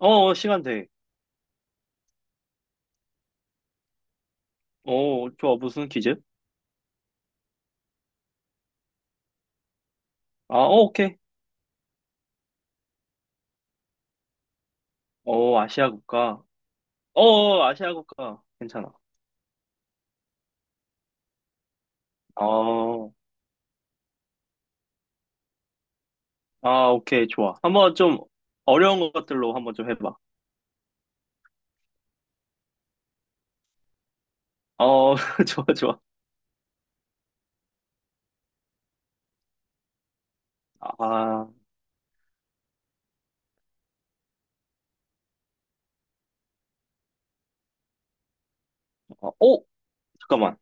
시간 돼. 어, 좋아. 무슨 퀴즈? 아, 오케이. 어, 아시아 국가. 아시아 국가. 괜찮아. 어, 아, 오케이. 좋아. 한번 좀 어려운 것들로 한번 좀 해봐. 어, 좋아, 좋아. 아, 어, 오! 잠깐만.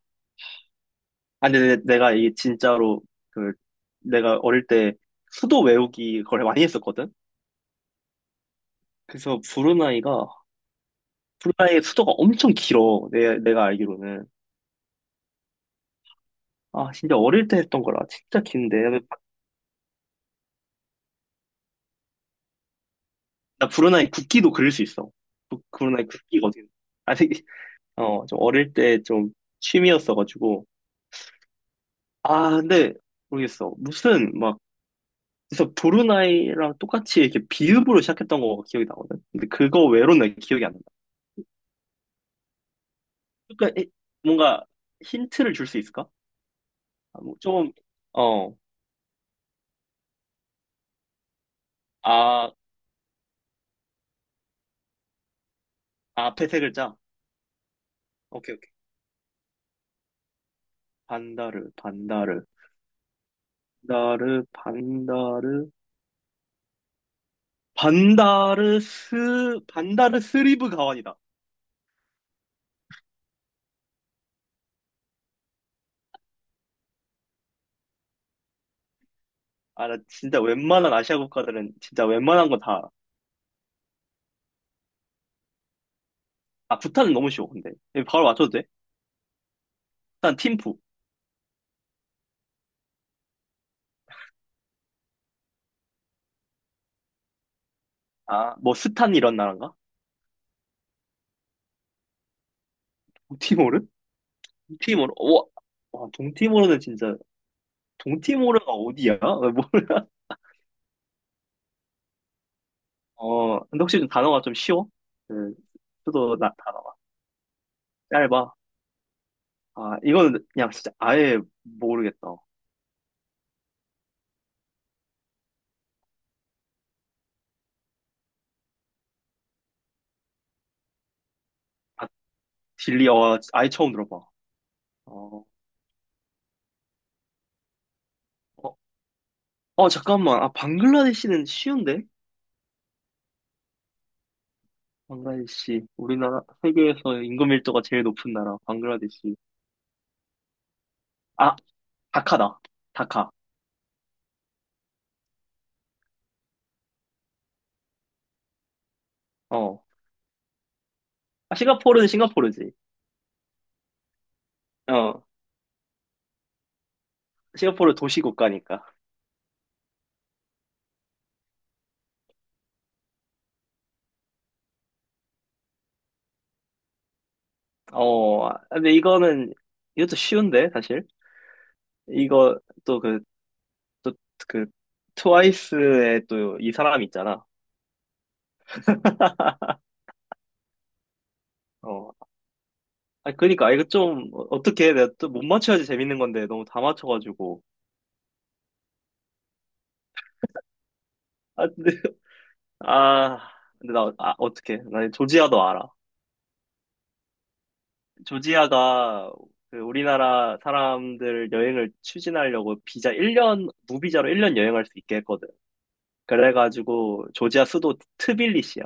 아니, 내가 이게 진짜로 그, 내가 어릴 때 수도 외우기 걸 많이 했었거든? 그래서 브루나이가, 브루나이의 수도가 엄청 길어. 내가 알기로는. 아, 진짜 어릴 때 했던 거라 진짜 긴데. 나 브루나이 국기도 그릴 수 있어. 브루나이 국기거든. 아 되게 어, 좀 어릴 때 좀 취미였어가지고. 아, 근데 모르겠어. 무슨 막, 그래서 브루나이랑 똑같이 이렇게 비읍으로 시작했던 거 기억이 나거든. 근데 그거 외로는 기억이 안 난다. 그러니까 뭔가 힌트를 줄 수 있을까? 아, 뭐 좀, 어, 아, 앞에 세 글자. 오케이, 오케이. 반다르, 반다르, 반다르, 반다르, 반다르스리브 가완이다. 아, 나 진짜 웬만한 아시아 국가들은 진짜 웬만한 거 다. 아, 부탄은 너무 쉬워, 근데. 바로 맞춰도 돼? 일단 팀푸. 아, 뭐 스탄 이런 나라인가? 동티모르? 동티모르. 와, 와, 동티모르는 진짜 동티모르가 어디야? 나 몰라. 어, 근데 혹시 좀 단어가 좀 쉬워? 그 수도 나 단어가 짧아. 아, 이거는 그냥 진짜 아예 모르겠다. 아, 딜리 어, 아예 처음 들어봐. 어, 어, 잠깐만. 아, 방글라데시는 쉬운데? 방글라데시, 우리나라, 세계에서 인구 밀도가 제일 높은 나라, 방글라데시. 아, 다카다. 다카. 어. 아, 싱가포르는 싱가포르지. 어. 싱가포르 도시 국가니까. 어. 아, 근데 이거는, 이것도 쉬운데, 사실. 이거, 또 그, 또 그, 트와이스의 또 이 사람 있잖아. 어. 아, 그니까, 이거 좀, 어떻게, 내가 또 못 맞춰야지 재밌는 건데, 너무 다 맞춰가지고. 아, 근데, 아, 근데 나, 아, 어떡해. 나 조지아도 알아. 조지아가 그 우리나라 사람들 여행을 추진하려고 비자 1년, 무비자로 1년 여행할 수 있게 했거든. 그래가지고 조지아 수도 트빌리시야.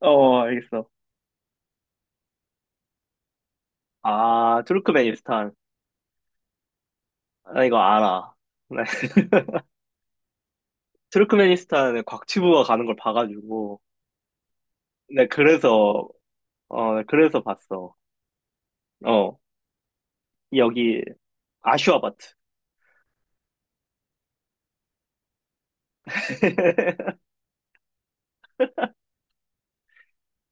어, 알겠어. 아, 투르크메니스탄. 나 이거 알아. 네. 투르크메니스탄에 곽튜브가 가는 걸 봐가지고. 네, 그래서, 어, 네, 그래서 봤어. 어, 여기 아슈아바트.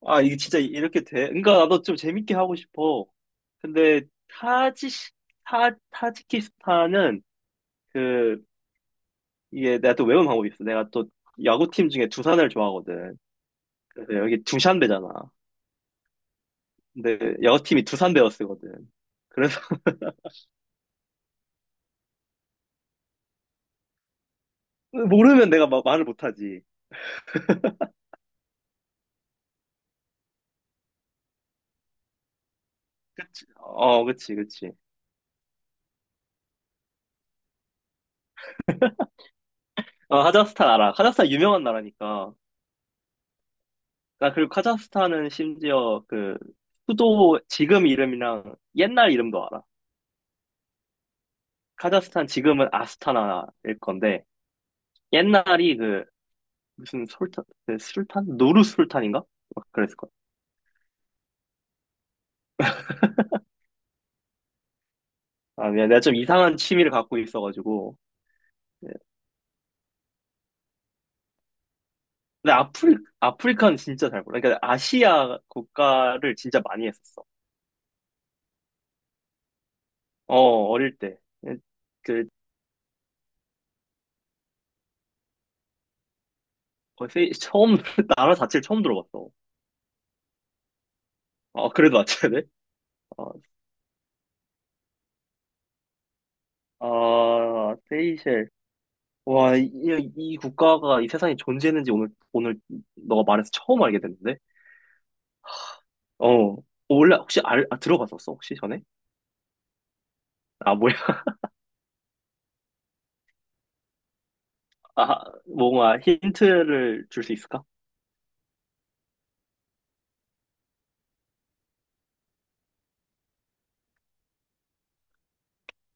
아, 이게 진짜 이렇게 돼? 그러니까 나도 좀 재밌게 하고 싶어. 근데 타지 타지키스탄은 그 이게 내가 또 외운 방법이 있어. 내가 또 야구팀 중에 두산을 좋아하거든. 그래서 여기 두샨배잖아. 근데 야구팀이 두산배어 쓰거든. 그래서 모르면 내가 말을 못하지. 어, 그치. 어, 카자흐스탄 알아. 카자흐스탄 유명한 나라니까. 나 그리고 카자흐스탄은 심지어 그 수도 지금 이름이랑 옛날 이름도 알아. 카자흐스탄 지금은 아스타나일 건데 옛날이 그 무슨 솔탄 그 술탄 노르 술탄인가 막 그랬을 거야. 아 미안 내가 좀 이상한 취미를 갖고 있어가지고 예. 근데 아프리카는 진짜 잘 몰라. 그러니까 아시아 국가를 진짜 많이 했었어. 어 어릴 때그 거의 처음 나라 자체를 처음 들어봤어. 어 그래도 맞춰야 돼? 어, 아, 세이셸. 와, 이, 이 국가가 이 세상에 존재했는지 오늘 너가 말해서 처음 알게 됐는데? 어, 어, 원래 혹시 알, 아, 들어봤었어, 혹시 전에? 아, 뭐야. 아, 뭔가 힌트를 줄 수 있을까?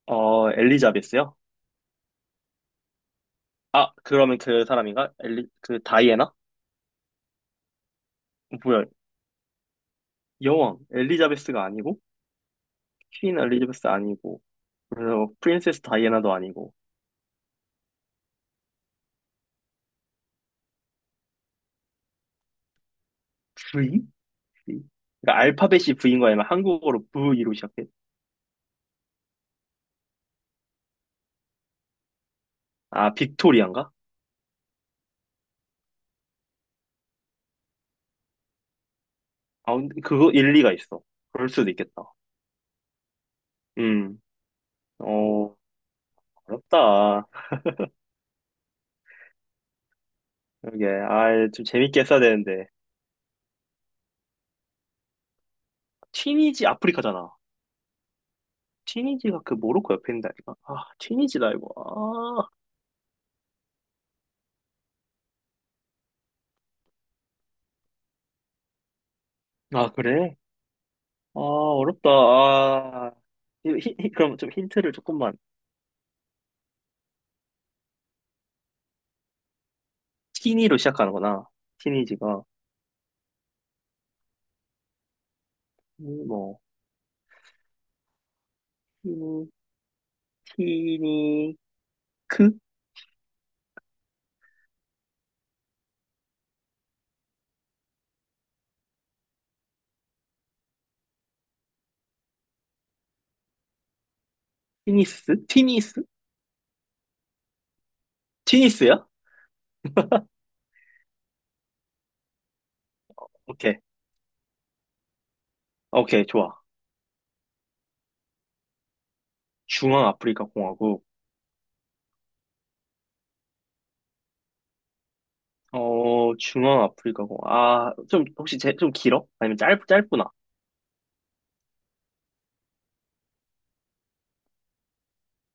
어, 엘리자베스요? 아, 그러면 그 사람인가? 엘리, 그 다이애나? 뭐야, 여왕. 엘리자베스가 아니고, 퀸 엘리자베스 아니고, 그래서 프린세스 다이애나도 아니고, V? 그러니까 알파벳이 V인 거아니면 한국어로 V로 시작해? 아, 빅토리아인가? 아, 근데 그거 일리가 있어. 그럴 수도 있겠다. 음, 어, 어렵다. 이게, 아, 좀 재밌게 했어야 되는데. 티니지 아프리카잖아. 티니지가 그 모로코 옆에 있는다니까. 아, 티니지다 이거. 아, 아 그래? 아, 어렵다. 아, 그럼 좀 힌트를 조금만. 티니로 시작하는구나. 티니지가. 뭐, 티니, 티니크? 티니스? 티니스? 티니스야? 오케이. 오케이, 좋아. 중앙 아프리카 공화국. 어, 중앙 아프리카 공화국. 아, 좀, 혹시 제, 좀 길어? 아니면 짧, 짧구나.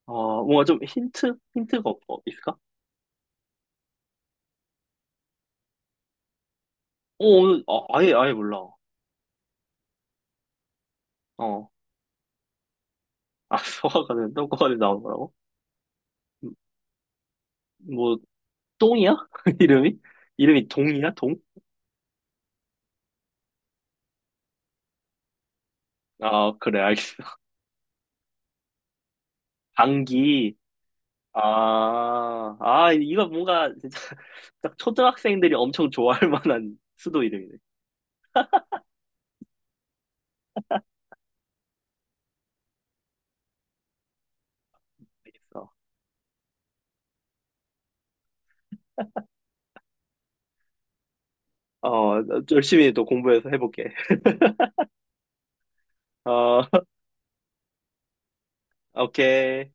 어, 뭔가 좀 힌트? 어, 있을까? 어, 오늘, 아, 아예 몰라. 어. 아, 소화가 된, 똥꼬가 된 나온 거라고? 음, 뭐, 똥이야? 이름이? 이름이 동이야? 동? 아, 그래, 알겠어. 방귀. 이거 뭔가, 진짜, 딱 초등학생들이 엄청 좋아할 만한 수도 이름이네. 알겠어. 어, 열심히 또 공부해서 해볼게. 어, 오케이.